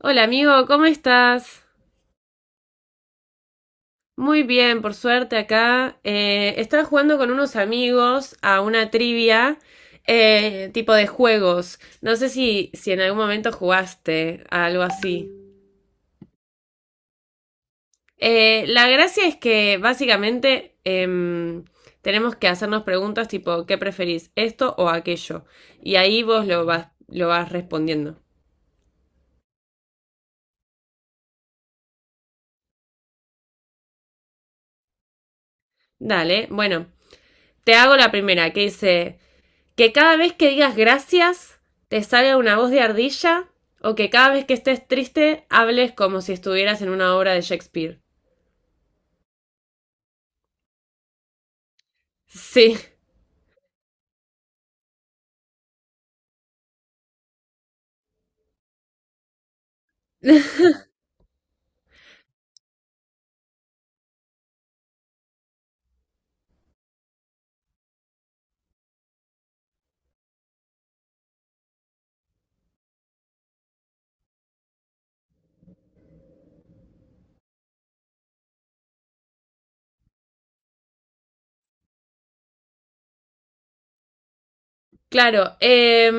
Hola amigo, ¿cómo estás? Muy bien, por suerte acá. Estaba jugando con unos amigos a una trivia tipo de juegos. No sé si en algún momento jugaste a algo así. La gracia es que básicamente tenemos que hacernos preguntas tipo, ¿qué preferís? ¿Esto o aquello? Y ahí vos lo vas respondiendo. Dale, bueno, te hago la primera que dice... Que cada vez que digas gracias te salga una voz de ardilla o que cada vez que estés triste hables como si estuvieras en una obra de Shakespeare. Sí. Claro.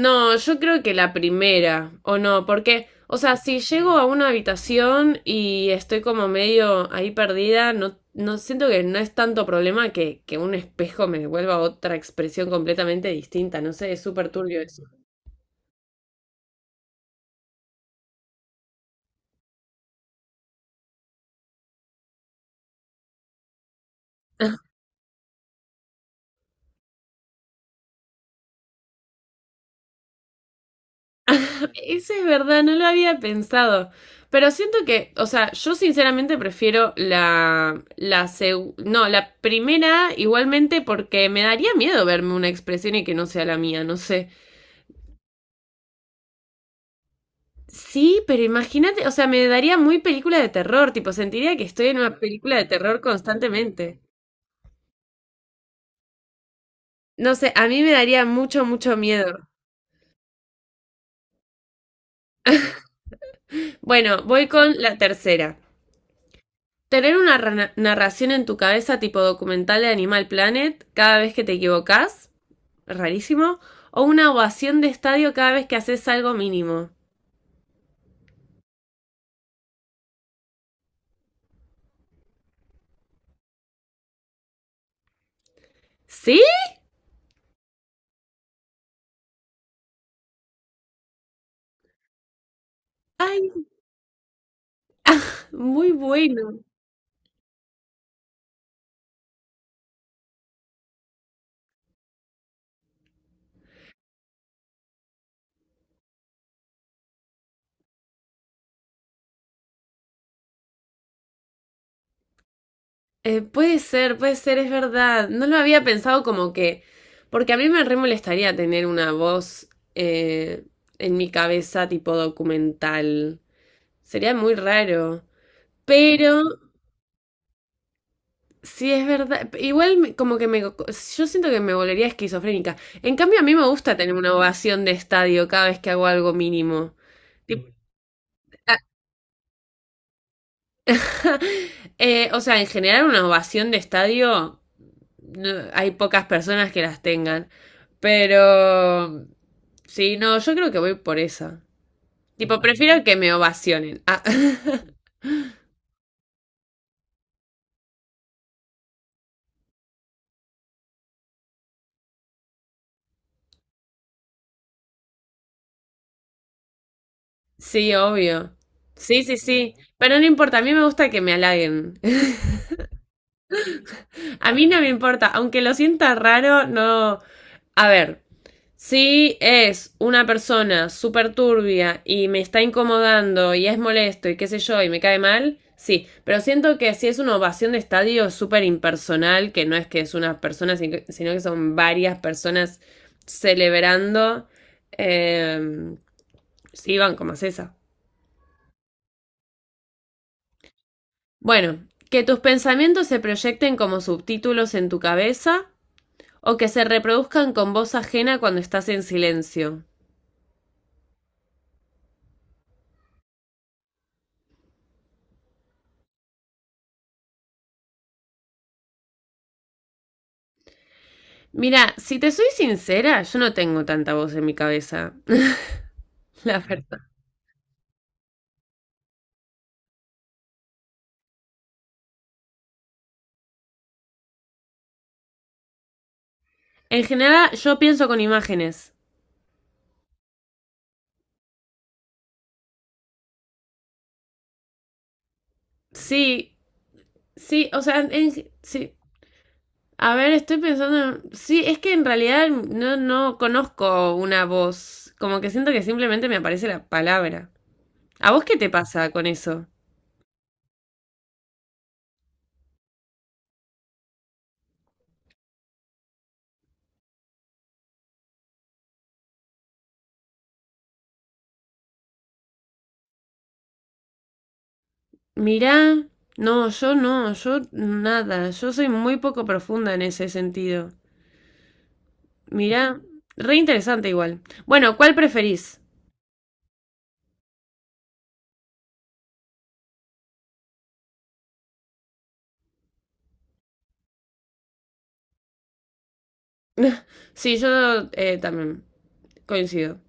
No, yo creo que la primera, o no, porque, o sea, si llego a una habitación y estoy como medio ahí perdida, no, no siento que no es tanto problema que un espejo me devuelva otra expresión completamente distinta, no sé, es súper turbio eso. Eso es verdad, no lo había pensado. Pero siento que, o sea, yo sinceramente prefiero la no, la primera igualmente porque me daría miedo verme una expresión y que no sea la mía, no sé. Sí, pero imagínate, o sea, me daría muy película de terror, tipo, sentiría que estoy en una película de terror constantemente. No sé, a mí me daría mucho, mucho miedo. Bueno, voy con la tercera. Tener una narración en tu cabeza tipo documental de Animal Planet cada vez que te equivocas. Rarísimo, o una ovación de estadio cada vez que haces algo mínimo. ¿Sí? Ay, muy bueno. Puede ser, puede ser, es verdad. No lo había pensado como que... Porque a mí me re molestaría tener una voz, eh, en mi cabeza tipo documental. Sería muy raro. Pero sí es verdad. Como que me... Yo siento que me volvería esquizofrénica. En cambio, a mí me gusta tener una ovación de estadio cada vez que hago algo mínimo. Tip- o sea, en general una ovación de estadio no, hay pocas personas que las tengan. Pero... Sí, no, yo creo que voy por esa. Tipo, prefiero que me ovacionen. Ah. Sí, obvio. Sí, sí, sí. Pero no importa, a mí me gusta que me halaguen. A mí no me importa, aunque lo sienta raro, no. A ver, si es una persona súper turbia y me está incomodando y es molesto y qué sé yo y me cae mal, sí, pero siento que si es una ovación de estadio súper impersonal, que no es que es una persona, sino que son varias personas celebrando, eh, sí, van como es esa. Bueno, que tus pensamientos se proyecten como subtítulos en tu cabeza o que se reproduzcan con voz ajena cuando estás en silencio. Mira, si te soy sincera, yo no tengo tanta voz en mi cabeza. La verdad, en general, yo pienso con imágenes. Sí, sí, o sea, sí. A ver, estoy pensando en... Sí, es que en realidad no, no conozco una voz. Como que siento que simplemente me aparece la palabra. ¿A vos qué te pasa con eso? Mirá, no, yo no, yo nada, yo soy muy poco profunda en ese sentido. Mirá, re interesante igual. Bueno, ¿cuál preferís? Sí, yo, también coincido.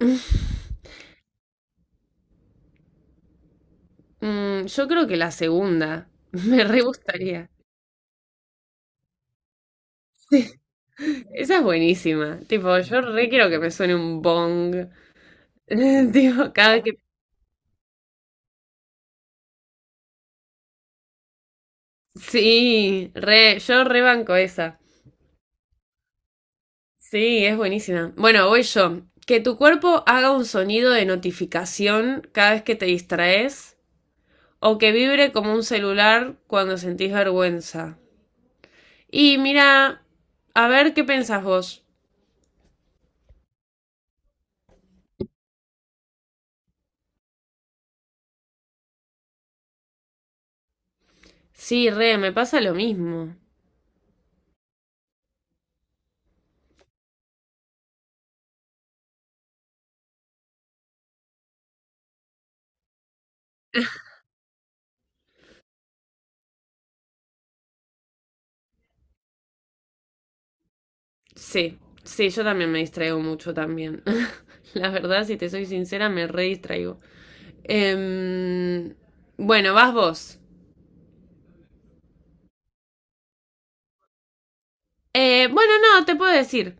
Mm, yo creo que la segunda. Me re gustaría. Esa es buenísima. Tipo, yo re quiero que me suene un bong. Tipo, cada vez que... Sí, re, yo re banco esa. Sí, es buenísima. Bueno, voy yo. Que tu cuerpo haga un sonido de notificación cada vez que te distraes o que vibre como un celular cuando sentís vergüenza. Y mira, a ver qué pensás vos. Sí, re, me pasa lo mismo. Sí, sí, yo también me distraigo mucho también. La verdad, si te soy sincera, me re distraigo. Em, bueno, vas vos. Bueno, no, te puedo decir,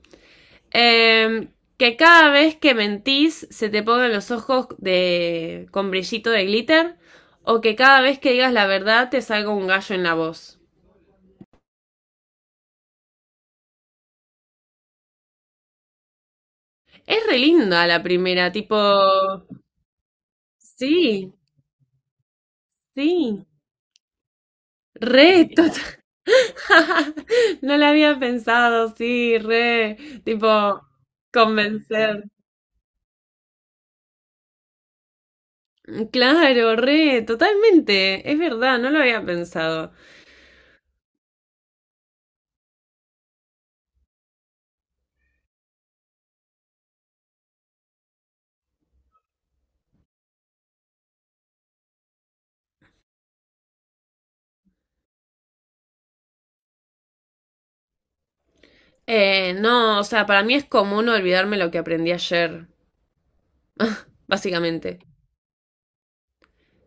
em, que cada vez que mentís se te pongan los ojos de con brillito de glitter o que cada vez que digas la verdad te salga un gallo en la voz. Es re linda la primera, tipo... Sí, sí, re, total. No la había pensado, sí, re, tipo, convencer. Mm, claro, re, totalmente, es verdad, no lo había pensado. No, o sea, para mí es común olvidarme lo que aprendí ayer, básicamente.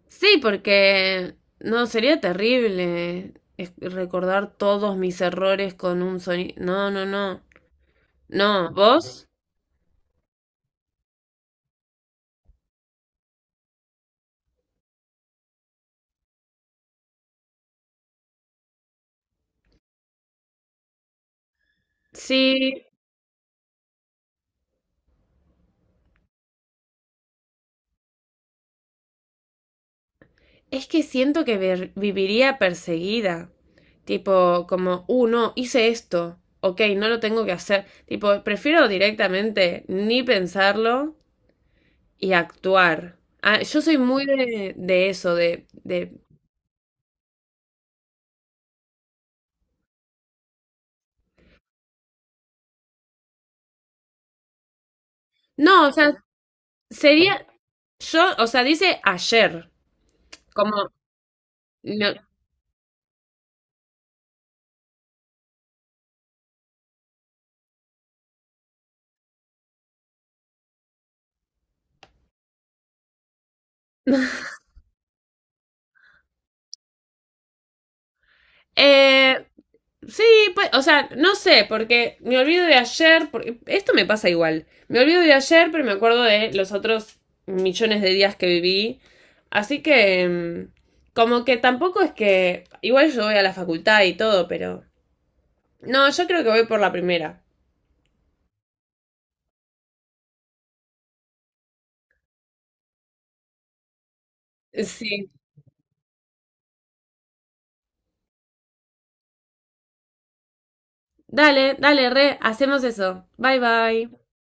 Sí, porque, no, sería terrible recordar todos mis errores con un sonido. No, no, no. No, ¿vos? Sí, es que siento que viviría perseguida. Tipo, como, no, hice esto. Ok, no lo tengo que hacer. Tipo, prefiero directamente ni pensarlo y actuar. Ah, yo soy muy de eso, de... No, o sea, sería... Yo, o sea, dice ayer. Como, no, Eh, sí, pues, o sea, no sé, porque me olvido de ayer, porque esto me pasa igual. Me olvido de ayer, pero me acuerdo de los otros millones de días que viví. Así que, mm, como que tampoco es que, igual yo voy a la facultad y todo, pero... No, yo creo que voy por la primera. Sí. Dale, dale, re, hacemos eso. Bye bye.